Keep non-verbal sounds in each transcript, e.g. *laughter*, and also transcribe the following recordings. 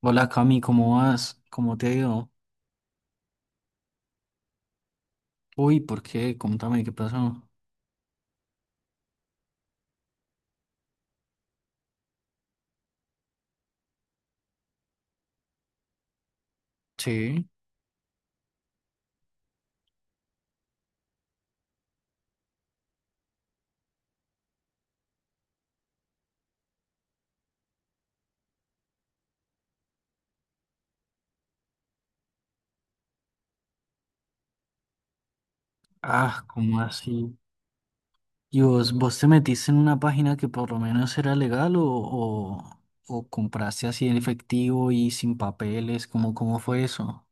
Hola Cami, ¿cómo vas? ¿Cómo te ha ido? Uy, ¿por qué? Contame, ¿qué pasó? Sí. Ah, ¿cómo así? ¿Y vos, te metiste en una página que por lo menos era legal o compraste así en efectivo y sin papeles? ¿Cómo fue eso?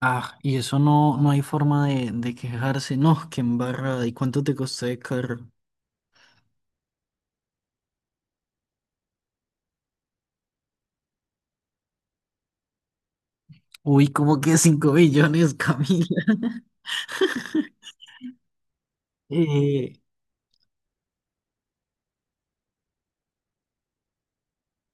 Ah, y eso no, no hay forma de, quejarse. No, qué embarrada. ¿Y cuánto te costó de carro? Uy, como que 5 millones, Camila. *laughs* Eh,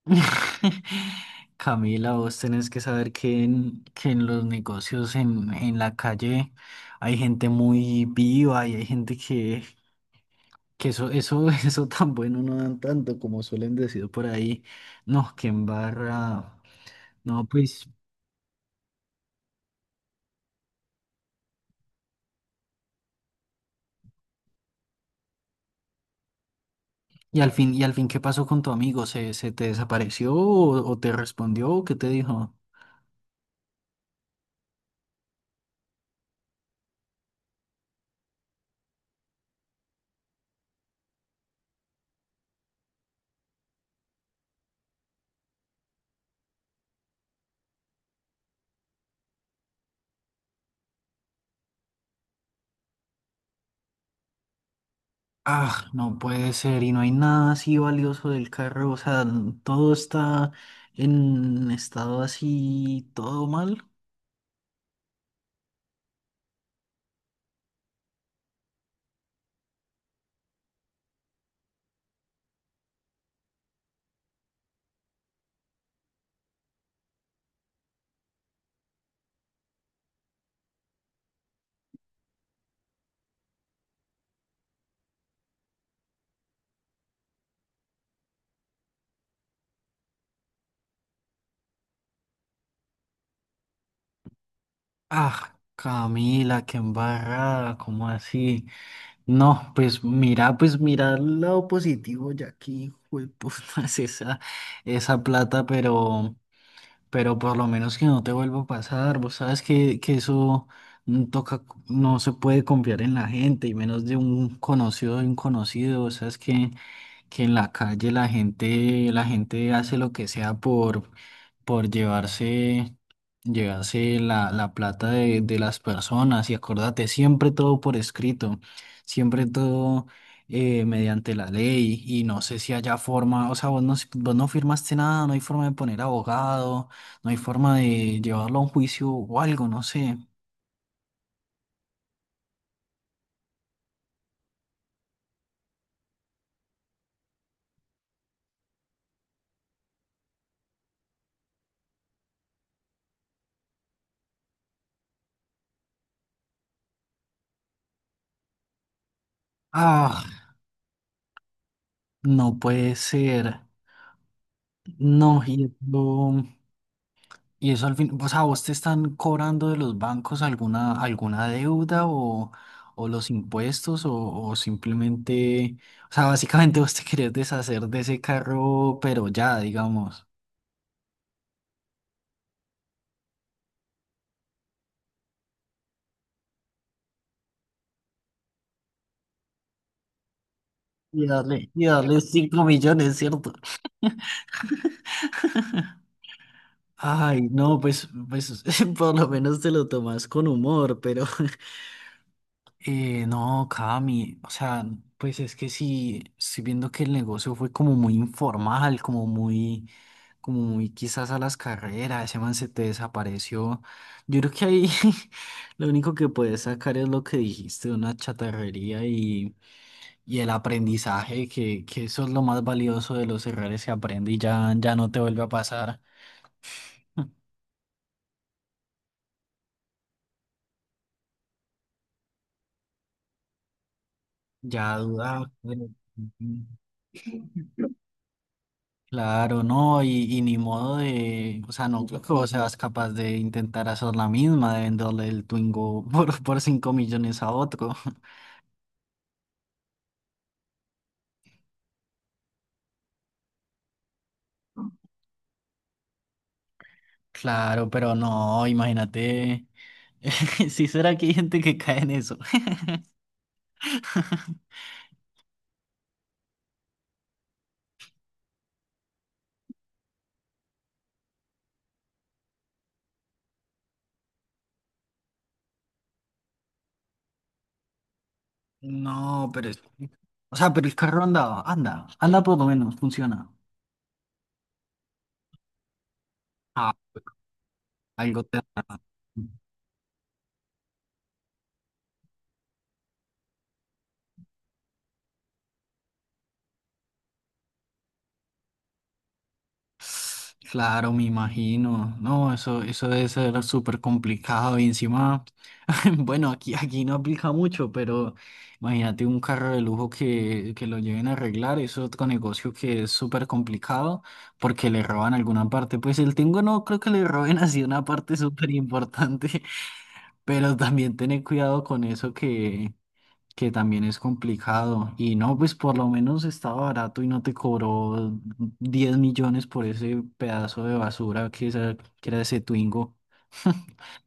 *laughs* Camila, vos tenés que saber que en los negocios en la calle hay gente muy viva y hay gente que eso *laughs* eso tan bueno no dan tanto como suelen decir por ahí. No, que embarra. No, pues, y al fin, ¿qué pasó con tu amigo? ¿Se te desapareció o te respondió o qué te dijo? Ah, no puede ser, y no hay nada así valioso del carro, o sea, todo está en estado así, todo mal. Ah, Camila, qué embarrada, ¿cómo así? No, pues mira el lado positivo, ya aquí puta *laughs* es esa plata, pero por lo menos que no te vuelva a pasar, vos sabes que eso toca, no se puede confiar en la gente, y menos de un conocido, o sea, es que. Que en la calle la gente hace lo que sea por llevarse, llevarse la plata de las personas. Y acordate, siempre todo por escrito, siempre todo mediante la ley. Y no sé si haya forma, o sea, vos no firmaste nada, no hay forma de poner abogado, no hay forma de llevarlo a un juicio o algo, no sé. Ah, no puede ser. No, y esto. Y eso al fin, o sea, ¿vos te están cobrando de los bancos alguna, alguna deuda o los impuestos o simplemente, o sea, básicamente *laughs* vos te querés deshacer de ese carro, pero ya, digamos, y darle 5 millones, ¿cierto? Ay, no, pues, pues *laughs* por lo menos te lo tomas con humor, pero *laughs* no, Cami, o sea, pues es que sí, estoy viendo que el negocio fue como muy informal, como muy quizás a las carreras, ese man se te desapareció. Yo creo que ahí *laughs* lo único que puedes sacar es lo que dijiste, una chatarrería y el aprendizaje, que eso es lo más valioso de los errores que aprende y ya, ya no te vuelve a pasar, ya duda. Bueno, ujú. Claro, no, y ni modo de, o sea, no creo que vos seas capaz de intentar hacer la misma, de venderle el Twingo *laughs* por 5 millones a otro. *laughs* Claro, pero no, imagínate. *laughs* Si será que hay gente que cae en eso. *laughs* No, pero es... O sea, pero el carro andaba, anda por lo menos, funciona. Ah, algo te... *sniffs* Claro, me imagino. No, eso debe ser súper complicado. Y encima, *laughs* bueno, aquí no aplica mucho, pero imagínate un carro de lujo que lo lleven a arreglar. Eso es otro negocio que es súper complicado porque le roban alguna parte. Pues el tengo no creo que le roben así una parte súper importante. Pero también tener cuidado con eso que también es complicado. Y no, pues por lo menos estaba barato y no te cobró 10 millones por ese pedazo de basura que, que era ese Twingo. *laughs*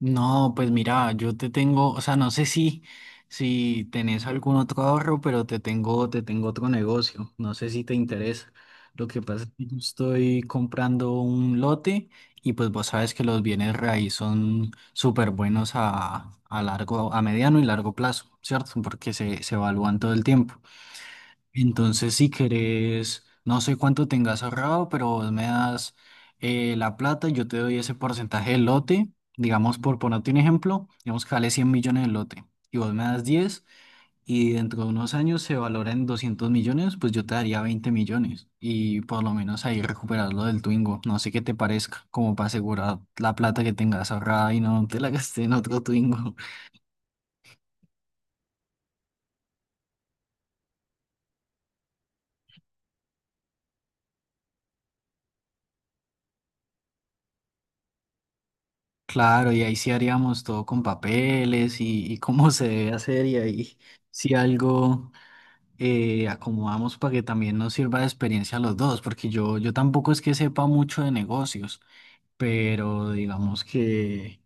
No, pues mira, yo te tengo, o sea, no sé si, si tenés algún otro ahorro, pero te tengo otro negocio. No sé si te interesa. Lo que pasa es que yo estoy comprando un lote y pues vos sabes que los bienes raíz son súper buenos a largo, a mediano y largo plazo, ¿cierto? Porque se evalúan todo el tiempo. Entonces, si querés, no sé cuánto tengas ahorrado, pero vos me das la plata y yo te doy ese porcentaje del lote. Digamos, por ponerte un ejemplo, digamos que vale 100 millones el lote y vos me das 10 y dentro de unos años se valora en 200 millones, pues yo te daría 20 millones y por lo menos ahí recuperas lo del Twingo. No sé qué te parezca, como para asegurar la plata que tengas ahorrada y no te la gasté en otro Twingo. Claro, y ahí sí haríamos todo con papeles y cómo *laughs* se debe hacer y ahí si algo acomodamos para que también nos sirva de experiencia a los dos, porque yo tampoco es que sepa mucho de negocios, pero digamos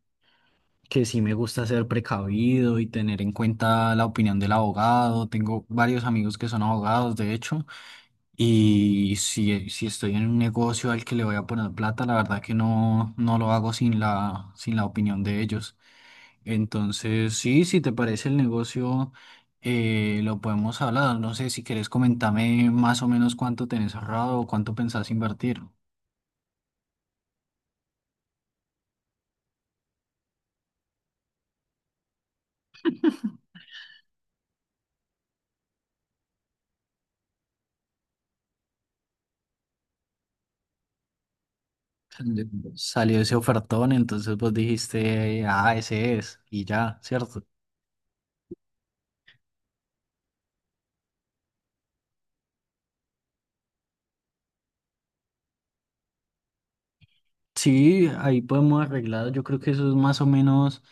que sí me gusta ser precavido y tener en cuenta la opinión del abogado. Tengo varios amigos que son abogados, de hecho, y si, si estoy en un negocio al que le voy a poner plata, la verdad que no, no lo hago sin la, sin la opinión de ellos. Entonces, sí, si te parece el negocio, lo podemos hablar. No sé si quieres comentarme más o menos cuánto tenés ahorrado o cuánto pensás invertir. Salió ese ofertón, entonces vos dijiste, ah, ese es, y ya, ¿cierto? Sí, ahí podemos arreglar. Yo creo que eso es más o menos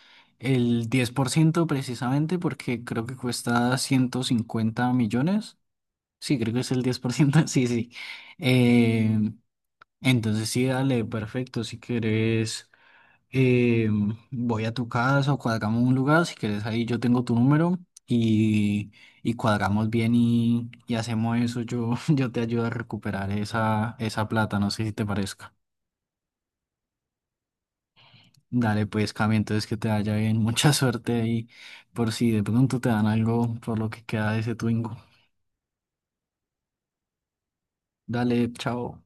el 10% precisamente porque creo que cuesta 150 millones. Sí, creo que es el 10%. *laughs* Sí, sí. Entonces sí, dale, perfecto. Si quieres, eh, voy a tu casa o cuadramos un lugar. Si quieres, ahí yo tengo tu número y, y cuadramos bien y hacemos eso. Yo, *laughs* yo te ayudo a recuperar esa plata. No sé si te parezca. Dale, pues, Cami, entonces que te vaya bien. *laughs* Mucha suerte ahí por si de pronto te dan algo por lo que queda de ese Twingo. Dale, chao.